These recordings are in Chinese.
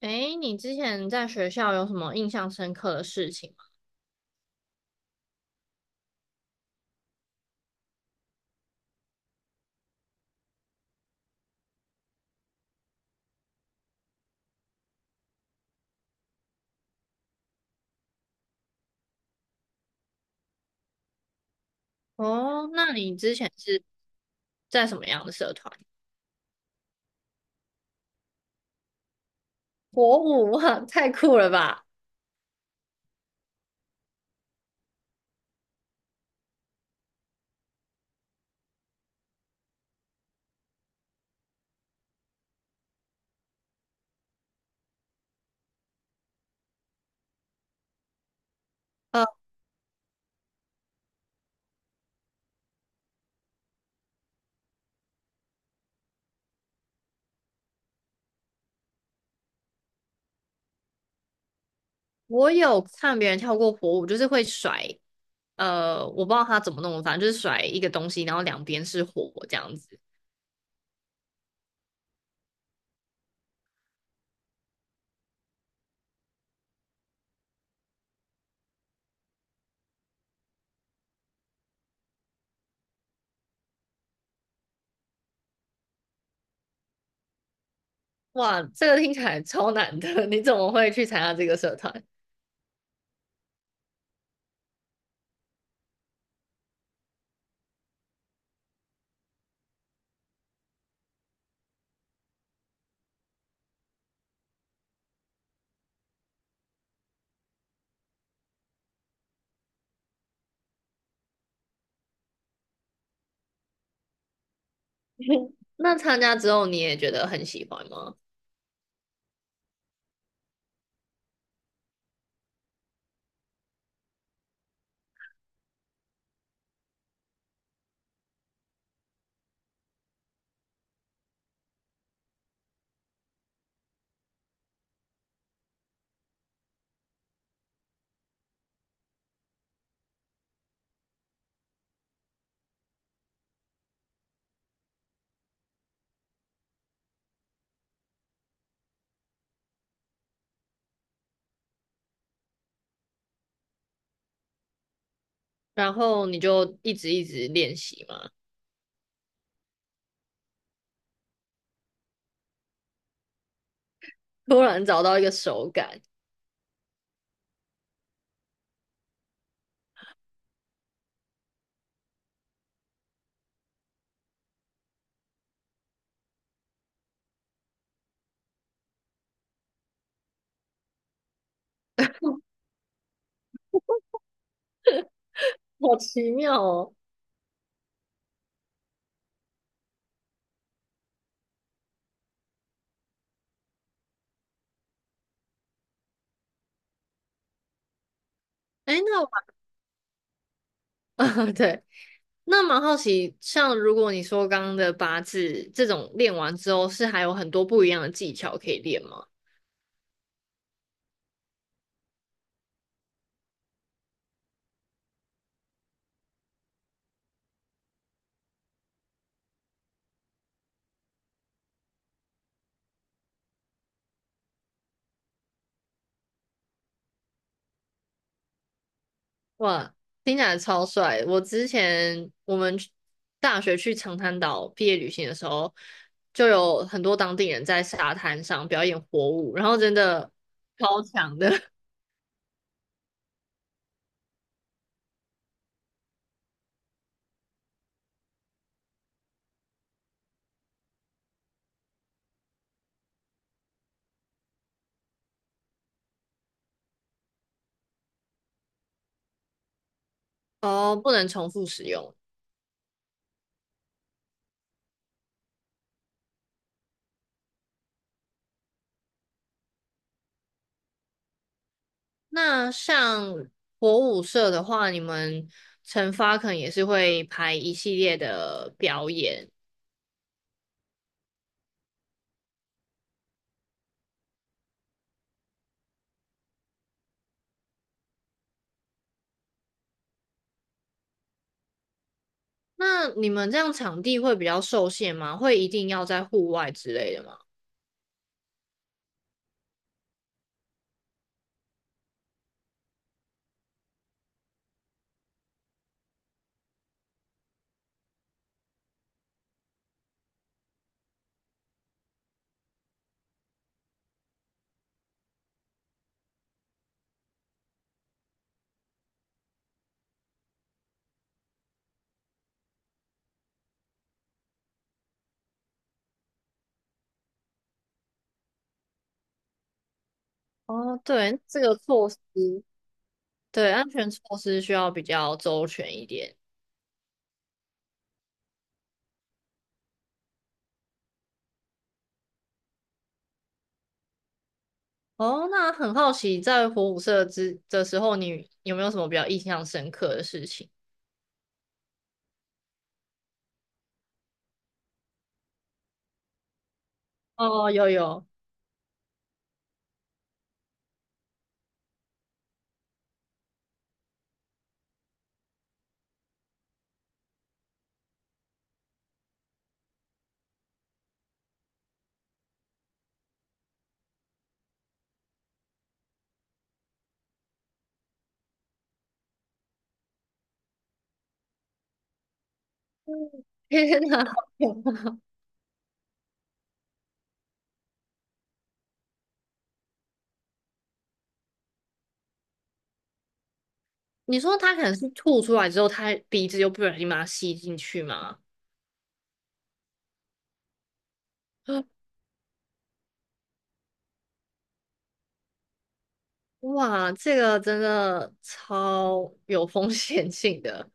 诶，你之前在学校有什么印象深刻的事情吗？哦，那你之前是在什么样的社团？火舞，哇，太酷了吧！呃，我有看别人跳过火舞，就是会甩，我不知道他怎么弄，反正就是甩一个东西，然后两边是火这样子。哇，这个听起来超难的，你怎么会去参加这个社团？那参加之后你也觉得很喜欢吗？然后你就一直练习吗？突然找到一个手感，好奇妙哦。哎，那我 对，那蛮好奇，像如果你说刚刚的八字这种练完之后，是还有很多不一样的技巧可以练吗？哇，听起来超帅！我之前我们去大学去长滩岛毕业旅行的时候，就有很多当地人在沙滩上表演火舞，然后真的 超强的 哦，不能重复使用。那像火舞社的话，你们惩罚可能也是会排一系列的表演。那你们这样场地会比较受限吗？会一定要在户外之类的吗？哦，对，这个措施，对，安全措施需要比较周全一点。哦，那很好奇，在火舞社之的时候，你有没有什么比较印象深刻的事情？哦，有有，天哪！你说他可能是吐出来之后，他鼻子又不小心把它吸进去吗？哇，这个真的超有风险性的。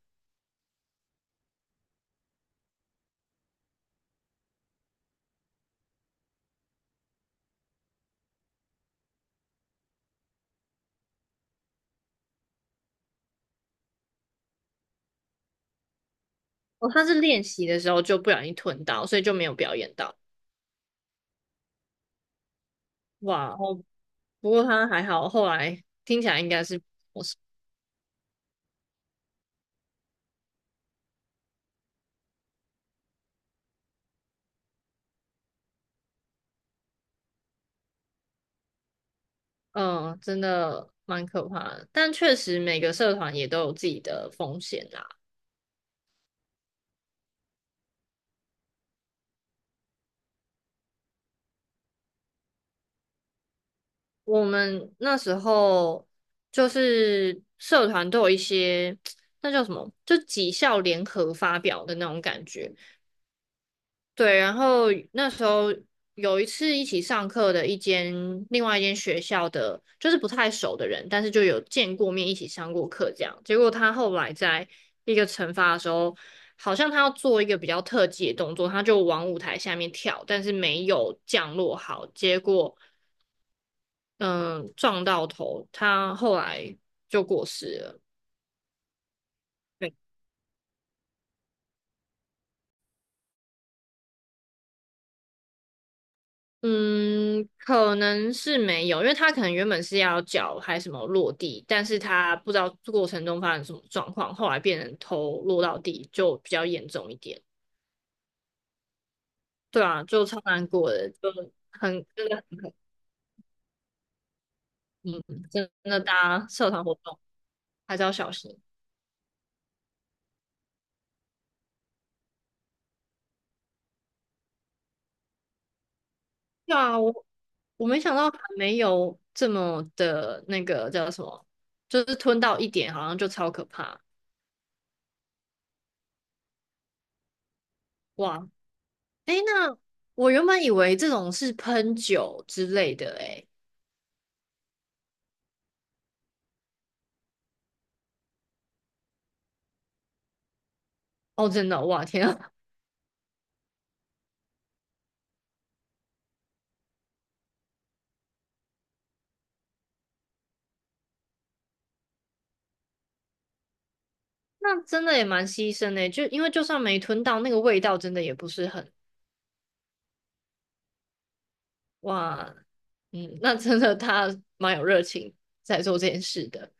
哦，他是练习的时候就不小心吞到，所以就没有表演到。哇，哦，不过他还好，后来听起来应该是，嗯，真的蛮可怕的。但确实每个社团也都有自己的风险啦。我们那时候就是社团都有一些，那叫什么，就几校联合发表的那种感觉。对，然后那时候有一次一起上课的另外一间学校的，就是不太熟的人，但是就有见过面，一起上过课这样。结果他后来在一个惩罚的时候，好像他要做一个比较特技的动作，他就往舞台下面跳，但是没有降落好，结果嗯撞到头，他后来就过世了。嗯，可能是没有，因为他可能原本是要脚还什么落地，但是他不知道过程中发生什么状况，后来变成头落到地，就比较严重一点。对啊，就超难过的，就很真的很嗯，真的大家社团活动还是要小心。对啊，我没想到还没有这么的那个叫什么，就是吞到一点，好像就超可怕哇！诶，那我原本以为这种是喷酒之类的，诶。哦，真的，哇天啊，那真的也蛮牺牲的欸，就因为就算没吞到，那个味道真的也不是很，哇，嗯，那真的他蛮有热情在做这件事的。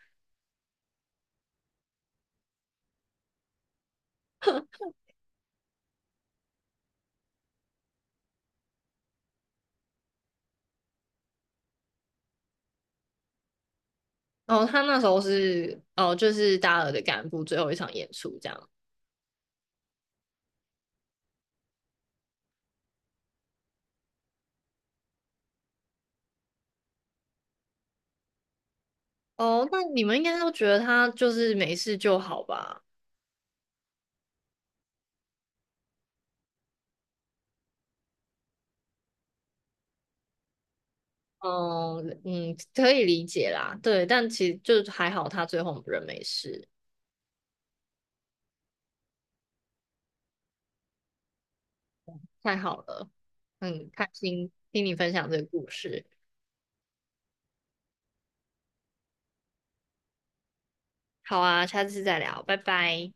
哦，他那时候是哦，就是大二的干部最后一场演出这样。哦，那你们应该都觉得他就是没事就好吧？哦，嗯，可以理解啦，对，但其实就还好，他最后人没事，太好了，很开心听你分享这个故事。好啊，下次再聊，拜拜。